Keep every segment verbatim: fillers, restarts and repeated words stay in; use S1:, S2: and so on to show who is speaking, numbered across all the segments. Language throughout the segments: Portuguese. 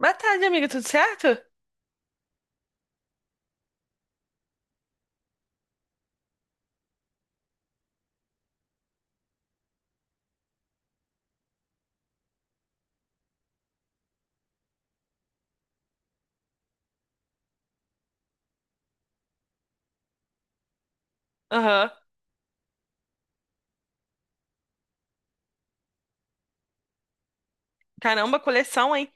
S1: Boa tarde, amiga, tudo certo? Aham. Caramba, coleção, hein?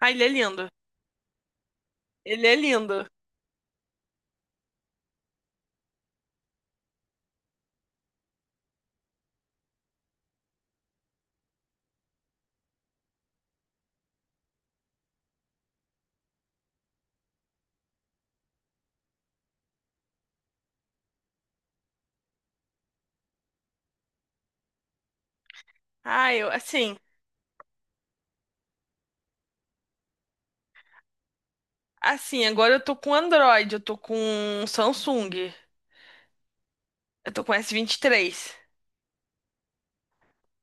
S1: Ah, ele é lindo. Ele é lindo. Ah, eu, assim, assim, agora eu tô com Android, eu tô com Samsung, eu tô com s vinte e três.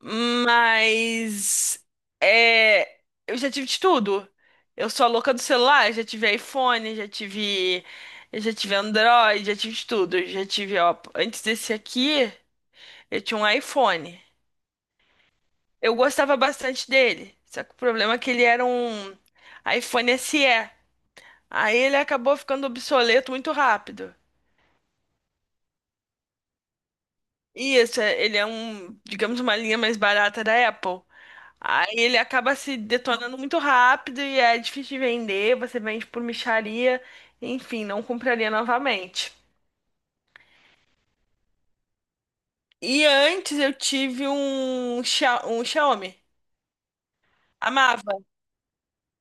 S1: Mas, é, eu já tive de tudo. Eu sou a louca do celular, já tive iPhone, já tive, eu já tive Android, já tive de tudo. Eu já tive, ó, antes desse aqui, eu tinha um iPhone. Eu gostava bastante dele. Só que o problema é que ele era um iPhone S E. Aí ele acabou ficando obsoleto muito rápido. E isso, é- ele é um, digamos, uma linha mais barata da Apple. Aí ele acaba se detonando muito rápido e é difícil de vender. Você vende por mixaria. Enfim, não compraria novamente. E antes eu tive um, Xia- um Xiaomi. Amava,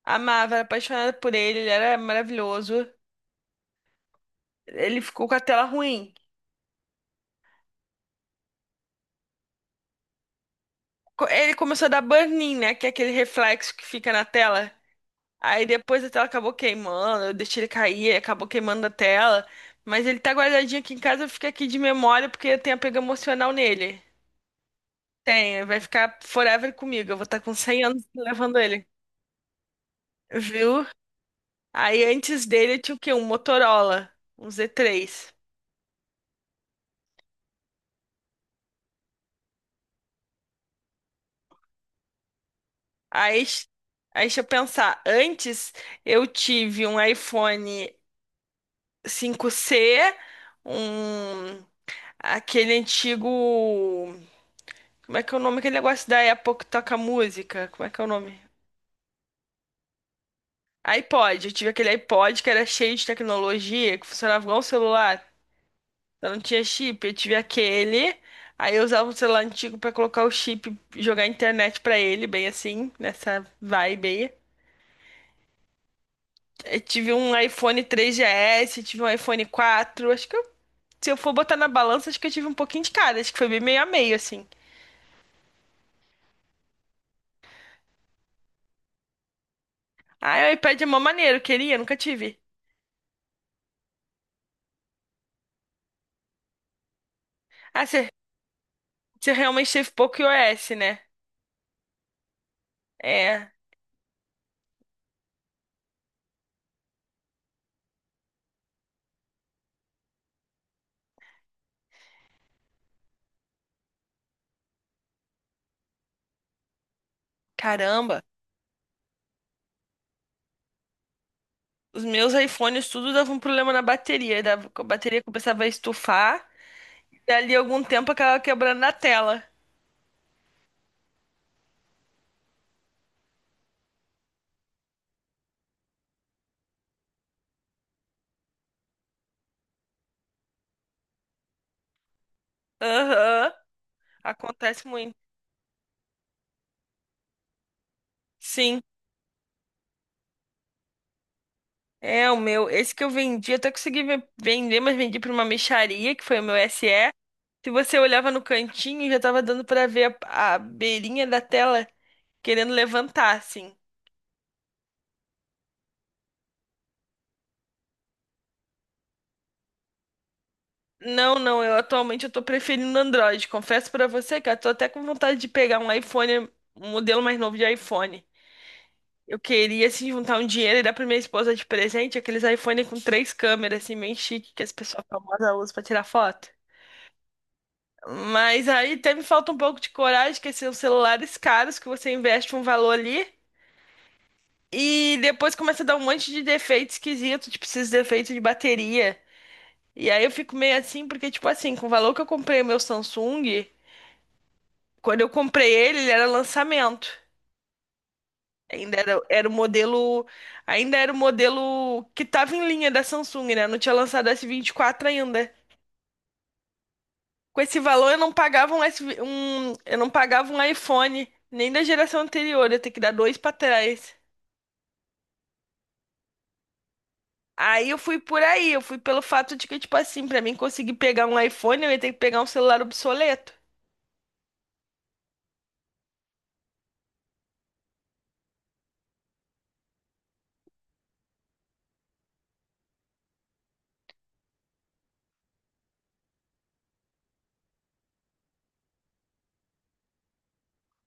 S1: amava, era apaixonada por ele, ele era maravilhoso. Ele ficou com a tela ruim. co- Ele começou a dar burn-in, né? Que é aquele reflexo que fica na tela. Aí depois a tela acabou queimando, eu deixei ele cair, aí acabou queimando a tela. Mas ele tá guardadinho aqui em casa, fica aqui de memória porque eu tem apego emocional nele. Tem, vai ficar forever comigo. Eu vou estar com cem anos levando ele. Viu? Aí antes dele eu tinha o quê? Um Motorola, um z três. Aí, s- aí deixa eu pensar. Antes eu tive um iPhone cinco c um aquele antigo. Como é que é o nome? Aquele negócio da Apple que toca música. Como é que é o nome? iPod. Eu tive aquele iPod que era cheio de tecnologia, que funcionava igual um celular. Eu não tinha chip. Eu tive aquele. Aí eu usava um celular antigo pra colocar o chip, jogar internet pra ele, bem assim, nessa vibe aí. Eu tive um iPhone três G S, tive um iPhone quatro. Acho que eu- se eu for botar na balança, acho que eu tive um pouquinho de cada. Acho que foi bem meio a meio, assim. Ah, o iPad é mó maneiro, queria, nunca tive. Ah, você Você realmente teve pouco iOS, né? É, caramba. Os meus iPhones tudo davam um problema na bateria. Dava, a bateria começava a estufar. E ali algum tempo acabava quebrando na tela. Aham, acontece muito. Sim, é o meu. Esse que eu vendi, até consegui ve- vender, mas vendi pra uma mixaria, que foi o meu S SE. Se você olhava no cantinho, já tava dando pra ver a, a beirinha da tela querendo levantar, assim. Não, não, eu atualmente eu tô preferindo Android. Confesso pra você, cara, tô até com vontade de pegar um iPhone, um modelo mais novo de iPhone. Eu queria, assim, juntar um dinheiro e dar pra minha esposa de presente aqueles iPhone com três câmeras, assim, bem chique, que as pessoas famosas usam pra tirar foto. Mas aí até me falta um pouco de coragem, que assim, são celulares caros, que você investe um valor ali e depois começa a dar um monte de defeito esquisito, tipo esses defeitos de bateria. E aí eu fico meio assim, porque, tipo assim, com o valor que eu comprei o meu Samsung. Quando eu comprei ele, ele era lançamento. Ainda era, era o modelo, ainda era o modelo que tava em linha da Samsung, né? Não tinha lançado o S vinte e quatro ainda. Com esse valor, eu não pagava um, S, V um, eu não pagava um iPhone, nem da geração anterior, eu tenho que dar dois pra trás. Aí eu fui por aí, eu fui pelo fato de que, tipo assim, pra mim conseguir pegar um iPhone, eu ia ter que pegar um celular obsoleto.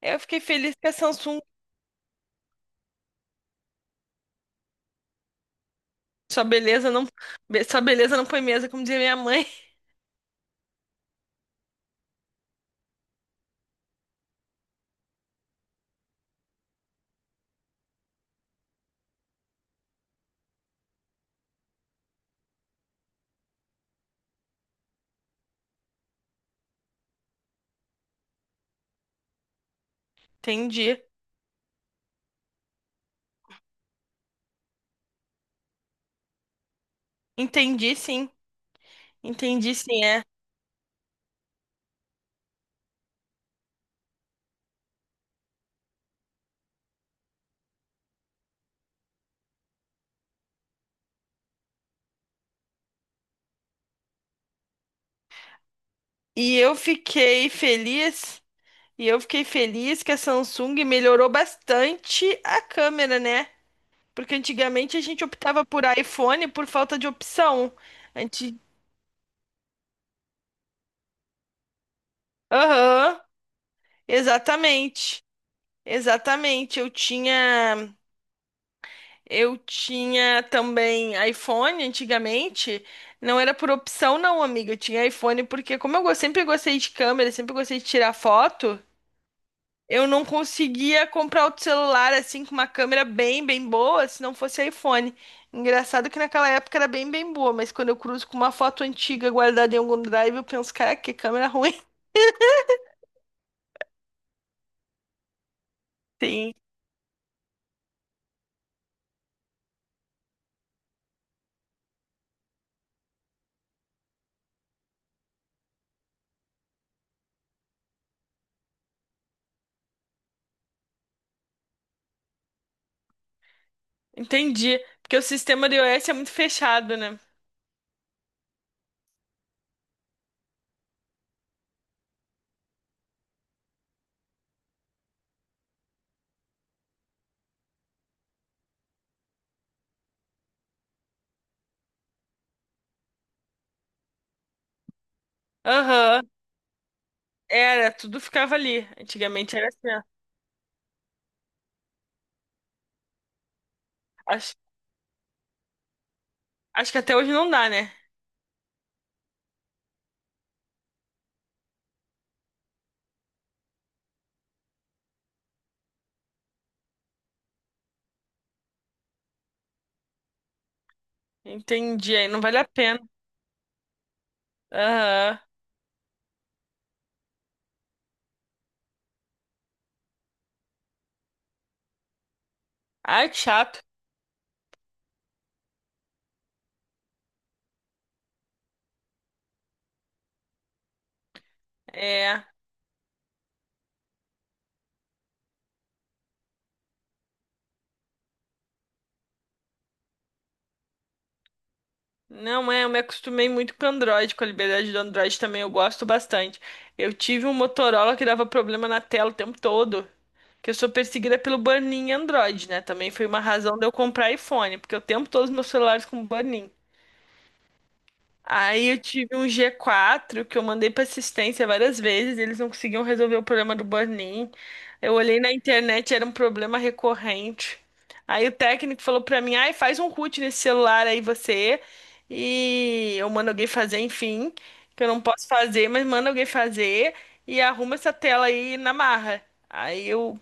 S1: Aí eu fiquei feliz que a Samsung, sua beleza não, be- sua beleza não põe mesa, como dizia minha mãe. Entendi. Entendi, sim. Entendi sim, é. E eu fiquei feliz, e eu fiquei feliz que a Samsung melhorou bastante a câmera, né? Porque antigamente a gente optava por iPhone por falta de opção. Anti... Aham, exatamente. Exatamente. Eu tinha, eu tinha também iPhone antigamente. Não era por opção, não, amiga. Eu tinha iPhone porque, como eu go- sempre gostei de câmera, sempre gostei de tirar foto. Eu não conseguia comprar outro celular assim com uma câmera bem, bem boa, se não fosse iPhone. Engraçado que naquela época era bem, bem boa, mas quando eu cruzo com uma foto antiga guardada em algum drive, eu penso, cara, que câmera ruim. Sim, entendi. Porque o sistema do iOS é muito fechado, né? Aham, era, tudo ficava ali. Antigamente era assim, ó. Acho, acho que até hoje não dá, né? Entendi, aí não vale a pena. Aham. Ai, que chato. É. Não é, eu me acostumei muito com Android, com a liberdade do Android também eu gosto bastante. Eu tive um Motorola que dava problema na tela o tempo todo, que eu sou perseguida pelo burn-in em Android, né? Também foi uma razão de eu comprar iPhone, porque o tempo todo os meus celulares com burn-in. Aí eu tive um g quatro que eu mandei pra assistência várias vezes, eles não conseguiam resolver o problema do burn-in. Eu olhei na internet, era um problema recorrente. Aí o técnico falou pra mim: "Ai, faz um root nesse celular aí você". E eu mando alguém fazer, enfim, que eu não posso fazer, mas manda alguém fazer e arruma essa tela aí na marra. Aí eu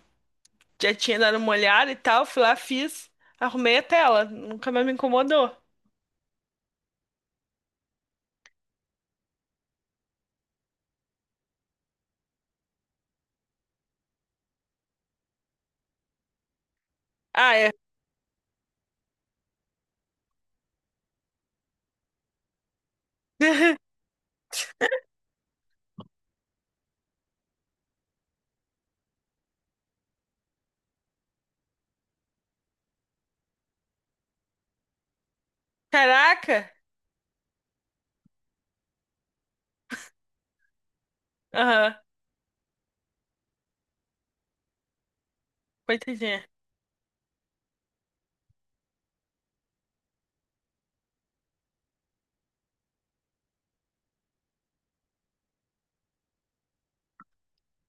S1: já tinha dado uma olhada e tal, fui lá, fiz, arrumei a tela, nunca mais me incomodou. Ah, é. Caraca! Aham, coitadinha.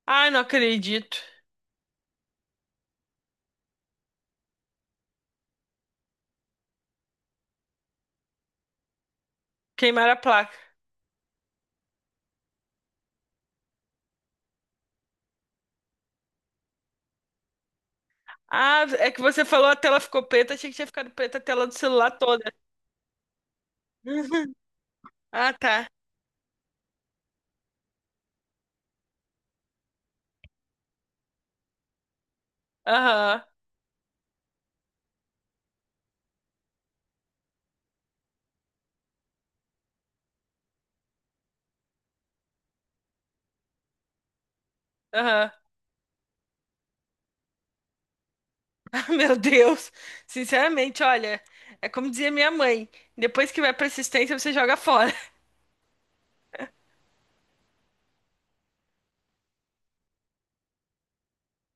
S1: Ai, não acredito. Queimaram a placa. Ah, é que você falou a tela ficou preta, achei que tinha ficado preta a tela do celular toda. Ah, tá. Aham, aham. Ah, meu Deus. Sinceramente, olha, é como dizia minha mãe: depois que vai pra assistência, você joga fora.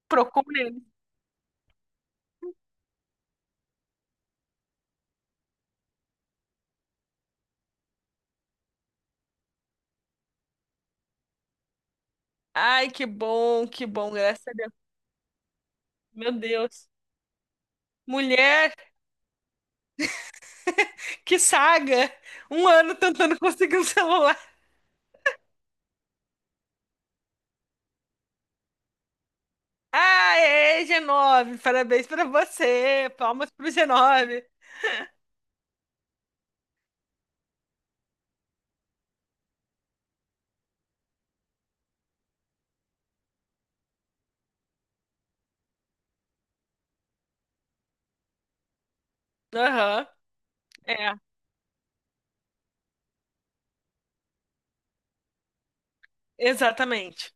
S1: Procura ele. Ai, que bom, que bom, graças a Deus. Meu Deus. Mulher, que saga! Um ano tentando conseguir um celular. Aê, G nove, parabéns pra você. Palmas pro G nove. Aham, é, exatamente.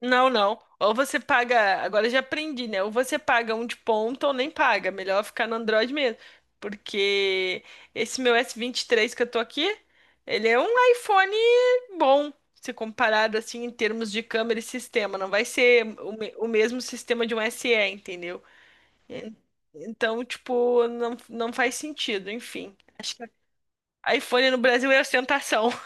S1: Não, não. Ou você paga, agora eu já aprendi, né? Ou você paga um de ponta ou nem paga. Melhor ficar no Android mesmo. Porque esse meu s vinte e três que eu tô aqui, ele é um iPhone bom, se comparado assim em termos de câmera e sistema. Não vai ser o, me- o mesmo sistema de um S SE, entendeu? En- Então, tipo, não, não faz sentido, enfim. iPhone no Brasil é ostentação.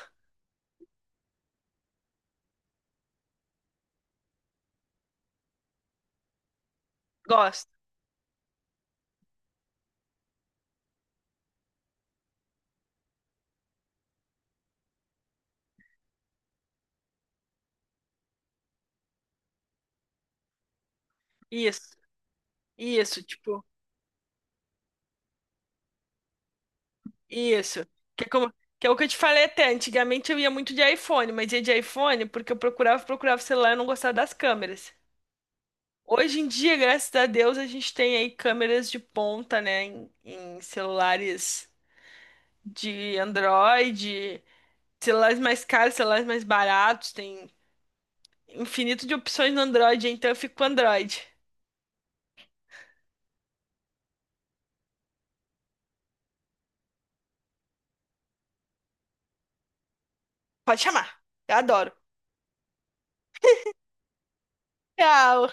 S1: Gosto. Isso, isso, tipo, isso. Que é como, que é o que eu te falei até. Antigamente eu ia muito de iPhone, mas ia de iPhone porque eu procurava, procurava celular e não gostava das câmeras. Hoje em dia, graças a Deus, a gente tem aí câmeras de ponta, né, em, em celulares de Android, celulares mais caros, celulares mais baratos, tem infinito de opções no Android, então eu fico com Android. Pode chamar, eu adoro. Tchau.